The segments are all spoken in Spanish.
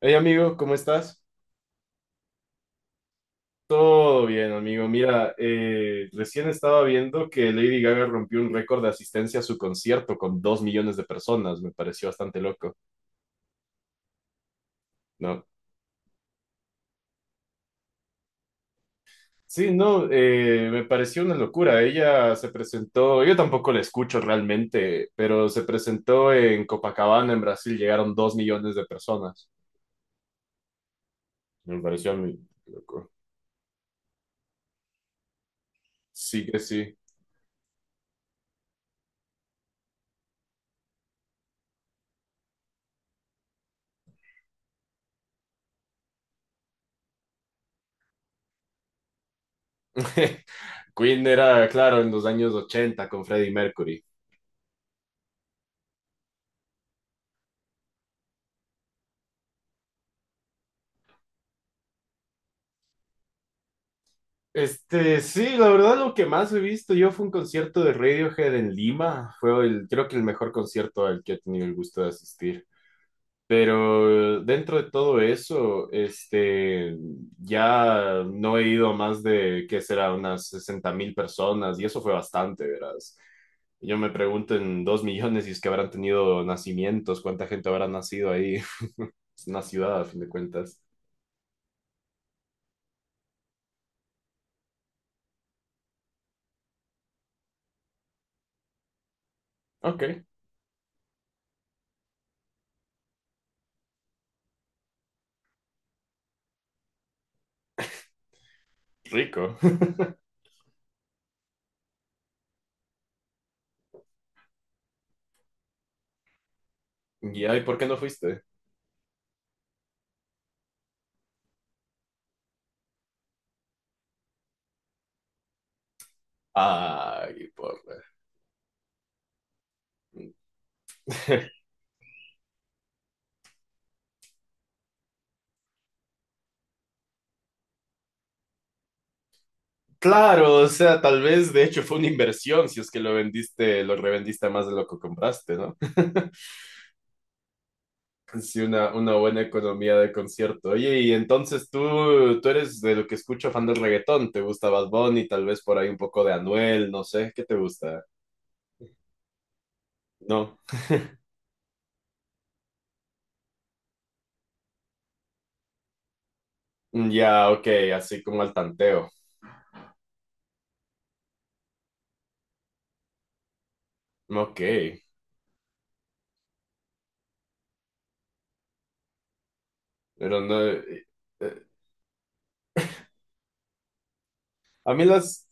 Hey amigo, ¿cómo estás? Todo bien, amigo. Mira, recién estaba viendo que Lady Gaga rompió un récord de asistencia a su concierto con 2 millones de personas. Me pareció bastante loco, ¿no? Sí, no, me pareció una locura. Ella se presentó, yo tampoco la escucho realmente, pero se presentó en Copacabana, en Brasil, llegaron 2 millones de personas. Me pareció muy loco. Sí que sí. Queen era, claro, en los años 80 con Freddie Mercury. Este, sí, la verdad lo que más he visto yo fue un concierto de Radiohead en Lima. Fue el, creo que el mejor concierto al que he tenido el gusto de asistir. Pero dentro de todo eso, este, ya no he ido a más de, ¿qué será? Unas 60.000 personas y eso fue bastante, verás. Yo me pregunto en 2 millones y es que habrán tenido nacimientos, cuánta gente habrá nacido ahí. Es una ciudad, a fin de cuentas. Ok, rico. ¿Y ay, por qué no fuiste? Ay, porra. Claro, o sea, tal vez de hecho fue una inversión si es que lo vendiste, lo revendiste más de lo que compraste, ¿no? Sí, una buena economía de concierto. Oye, y entonces tú eres de lo que escucho fan del reggaetón, ¿te gusta Bad Bunny? Tal vez por ahí un poco de Anuel, no sé, ¿qué te gusta? No. Mm, ya, ok, así como al tanteo. Ok, pero no, a mí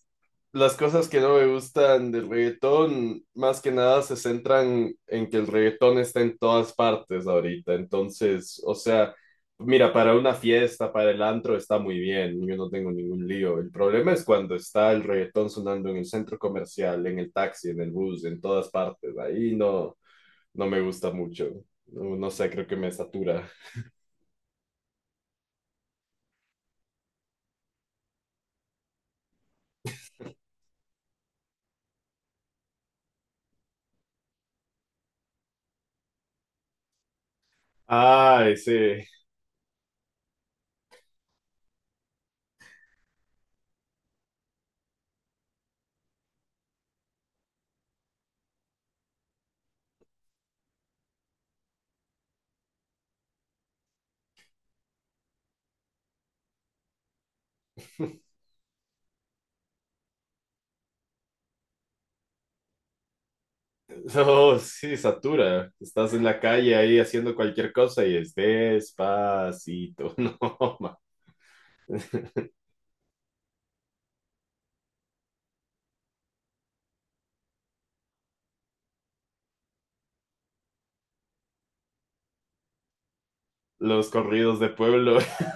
las cosas que no me gustan del reggaetón, más que nada se centran en que el reggaetón está en todas partes ahorita. Entonces, o sea, mira, para una fiesta, para el antro está muy bien, yo no tengo ningún lío. El problema es cuando está el reggaetón sonando en el centro comercial, en el taxi, en el bus, en todas partes. Ahí no, no me gusta mucho. No, no sé, creo que me satura. Ay, sí. No, sí, satura. Estás en la calle ahí haciendo cualquier cosa y es despacito. No, man. Los corridos de pueblo.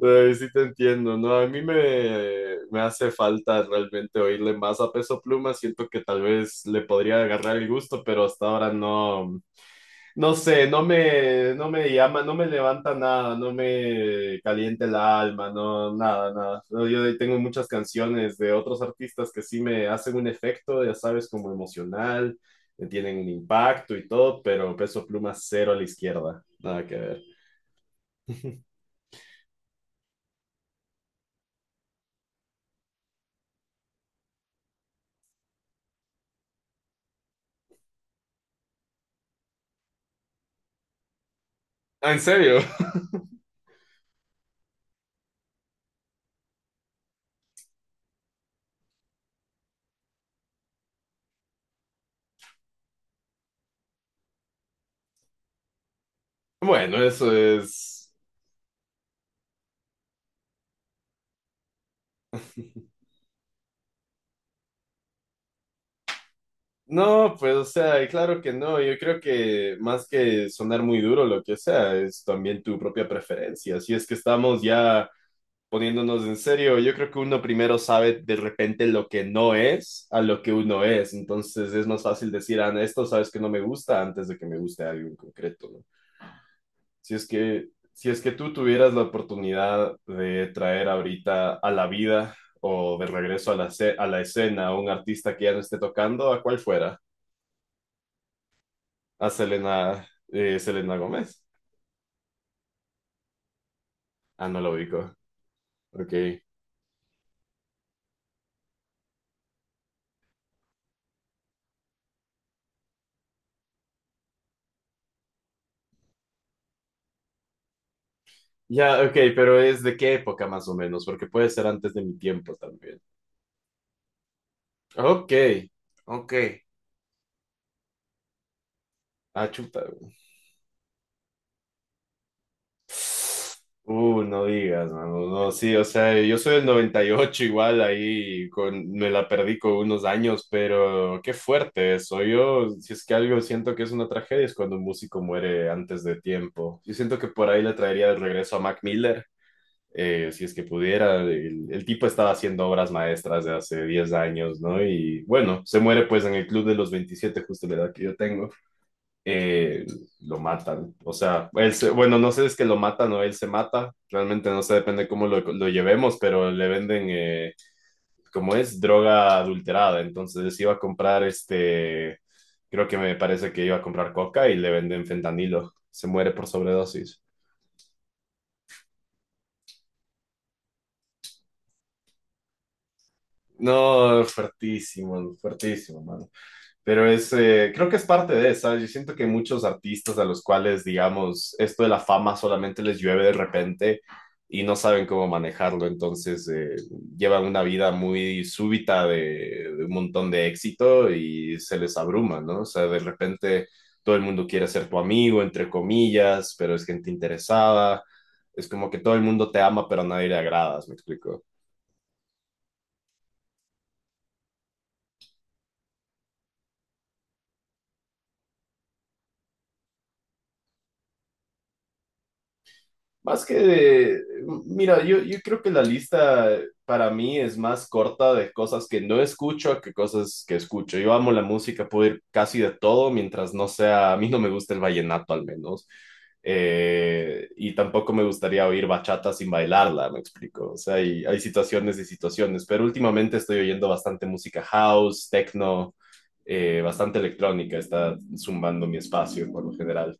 Ay, sí te entiendo, ¿no? A mí me hace falta realmente oírle más a Peso Pluma. Siento que tal vez le podría agarrar el gusto, pero hasta ahora no. No sé, no me llama, no me levanta nada, no me calienta el alma, no, nada, nada. No, yo tengo muchas canciones de otros artistas que sí me hacen un efecto, ya sabes, como emocional, me tienen un impacto y todo, pero Peso Pluma cero a la izquierda, nada que ver. Ah, ¿en serio? Bueno, eso es... No, pues, o sea, claro que no. Yo creo que más que sonar muy duro, lo que sea, es también tu propia preferencia. Si es que estamos ya poniéndonos en serio, yo creo que uno primero sabe de repente lo que no es a lo que uno es. Entonces es más fácil decir, ah, esto sabes que no me gusta antes de que me guste algo en concreto, ¿no? Si es que tú tuvieras la oportunidad de traer ahorita a la vida o de regreso a la, a la escena a un artista que ya no esté tocando, ¿a cuál fuera? A Selena, Selena Gómez. Ah, no lo ubico. Ok. Ya, ok, pero ¿es de qué época más o menos? Porque puede ser antes de mi tiempo también. Ok, ok, ah, chuta, güey. No digas, mano, no, sí, o sea, yo soy del 98 igual, ahí con, me la perdí con unos años, pero qué fuerte eso. Yo, si es que algo siento que es una tragedia, es cuando un músico muere antes de tiempo, yo siento que por ahí le traería de regreso a Mac Miller, si es que pudiera, el tipo estaba haciendo obras maestras de hace 10 años, ¿no? Y bueno, se muere pues en el club de los 27, justo la edad que yo tengo. eh, lo matan. O sea, bueno, no sé si es que lo matan o él se mata. Realmente no sé, depende cómo lo llevemos, pero le venden, como es, droga adulterada. Entonces iba a comprar este, creo que me parece que iba a comprar coca y le venden fentanilo. Se muere por sobredosis. No, fuertísimo, fuertísimo, mano. Pero es, creo que es parte de, ¿sabes? Yo siento que muchos artistas a los cuales, digamos, esto de la fama solamente les llueve de repente y no saben cómo manejarlo, entonces llevan una vida muy súbita de un montón de éxito y se les abruma, ¿no? O sea, de repente todo el mundo quiere ser tu amigo, entre comillas, pero es gente interesada, es como que todo el mundo te ama, pero a nadie le agradas, ¿me explico? Más que mira, yo creo que la lista para mí es más corta de cosas que no escucho que cosas que escucho. Yo amo la música, puedo ir casi de todo mientras no sea, a mí no me gusta el vallenato al menos. Y tampoco me gustaría oír bachata sin bailarla, me explico. O sea, hay situaciones y situaciones, pero últimamente estoy oyendo bastante música house, techno, bastante electrónica, está zumbando mi espacio por lo general.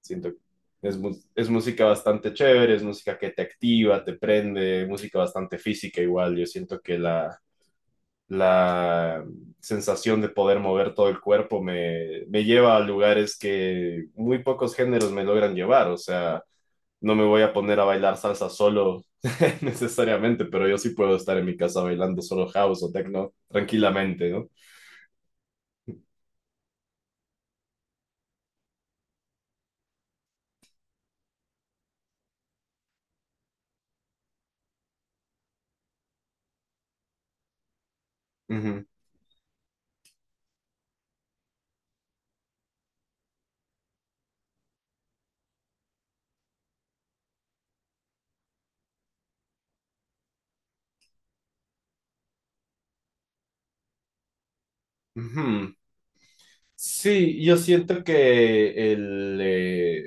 Siento que es, es música bastante chévere, es música que te activa, te prende, música bastante física igual. Yo siento que la sensación de poder mover todo el cuerpo me lleva a lugares que muy pocos géneros me logran llevar. O sea, no me voy a poner a bailar salsa solo necesariamente, pero yo sí puedo estar en mi casa bailando solo house o techno tranquilamente, ¿no? Ujú, ujú. Sí, yo siento que el,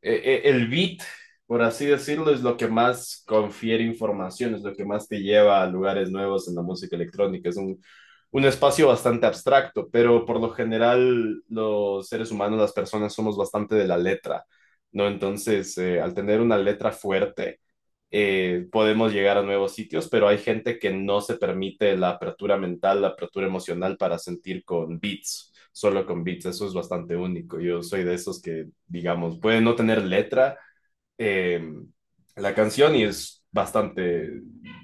e- el beat, por así decirlo, es lo que más confiere información, es lo que más te lleva a lugares nuevos en la música electrónica. Es un espacio bastante abstracto, pero por lo general los seres humanos, las personas, somos bastante de la letra, ¿no? Entonces, al tener una letra fuerte, podemos llegar a nuevos sitios, pero hay gente que no se permite la apertura mental, la apertura emocional para sentir con beats, solo con beats. Eso es bastante único. Yo soy de esos que, digamos, puede no tener letra eh, la canción y es bastante,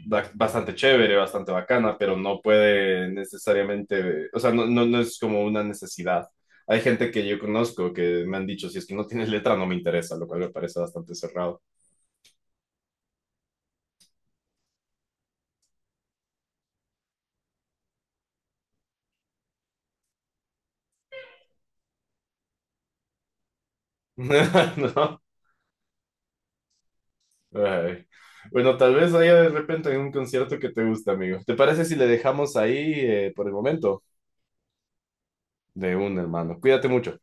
bastante chévere, bastante bacana, pero no puede necesariamente, o sea, no, no, no es como una necesidad. Hay gente que yo conozco que me han dicho, si es que no tienes letra, no me interesa, lo cual me parece bastante cerrado. ¿No? Ay. Bueno, tal vez haya de repente un concierto que te guste, amigo. ¿Te parece si le dejamos ahí por el momento? De un hermano. Cuídate mucho.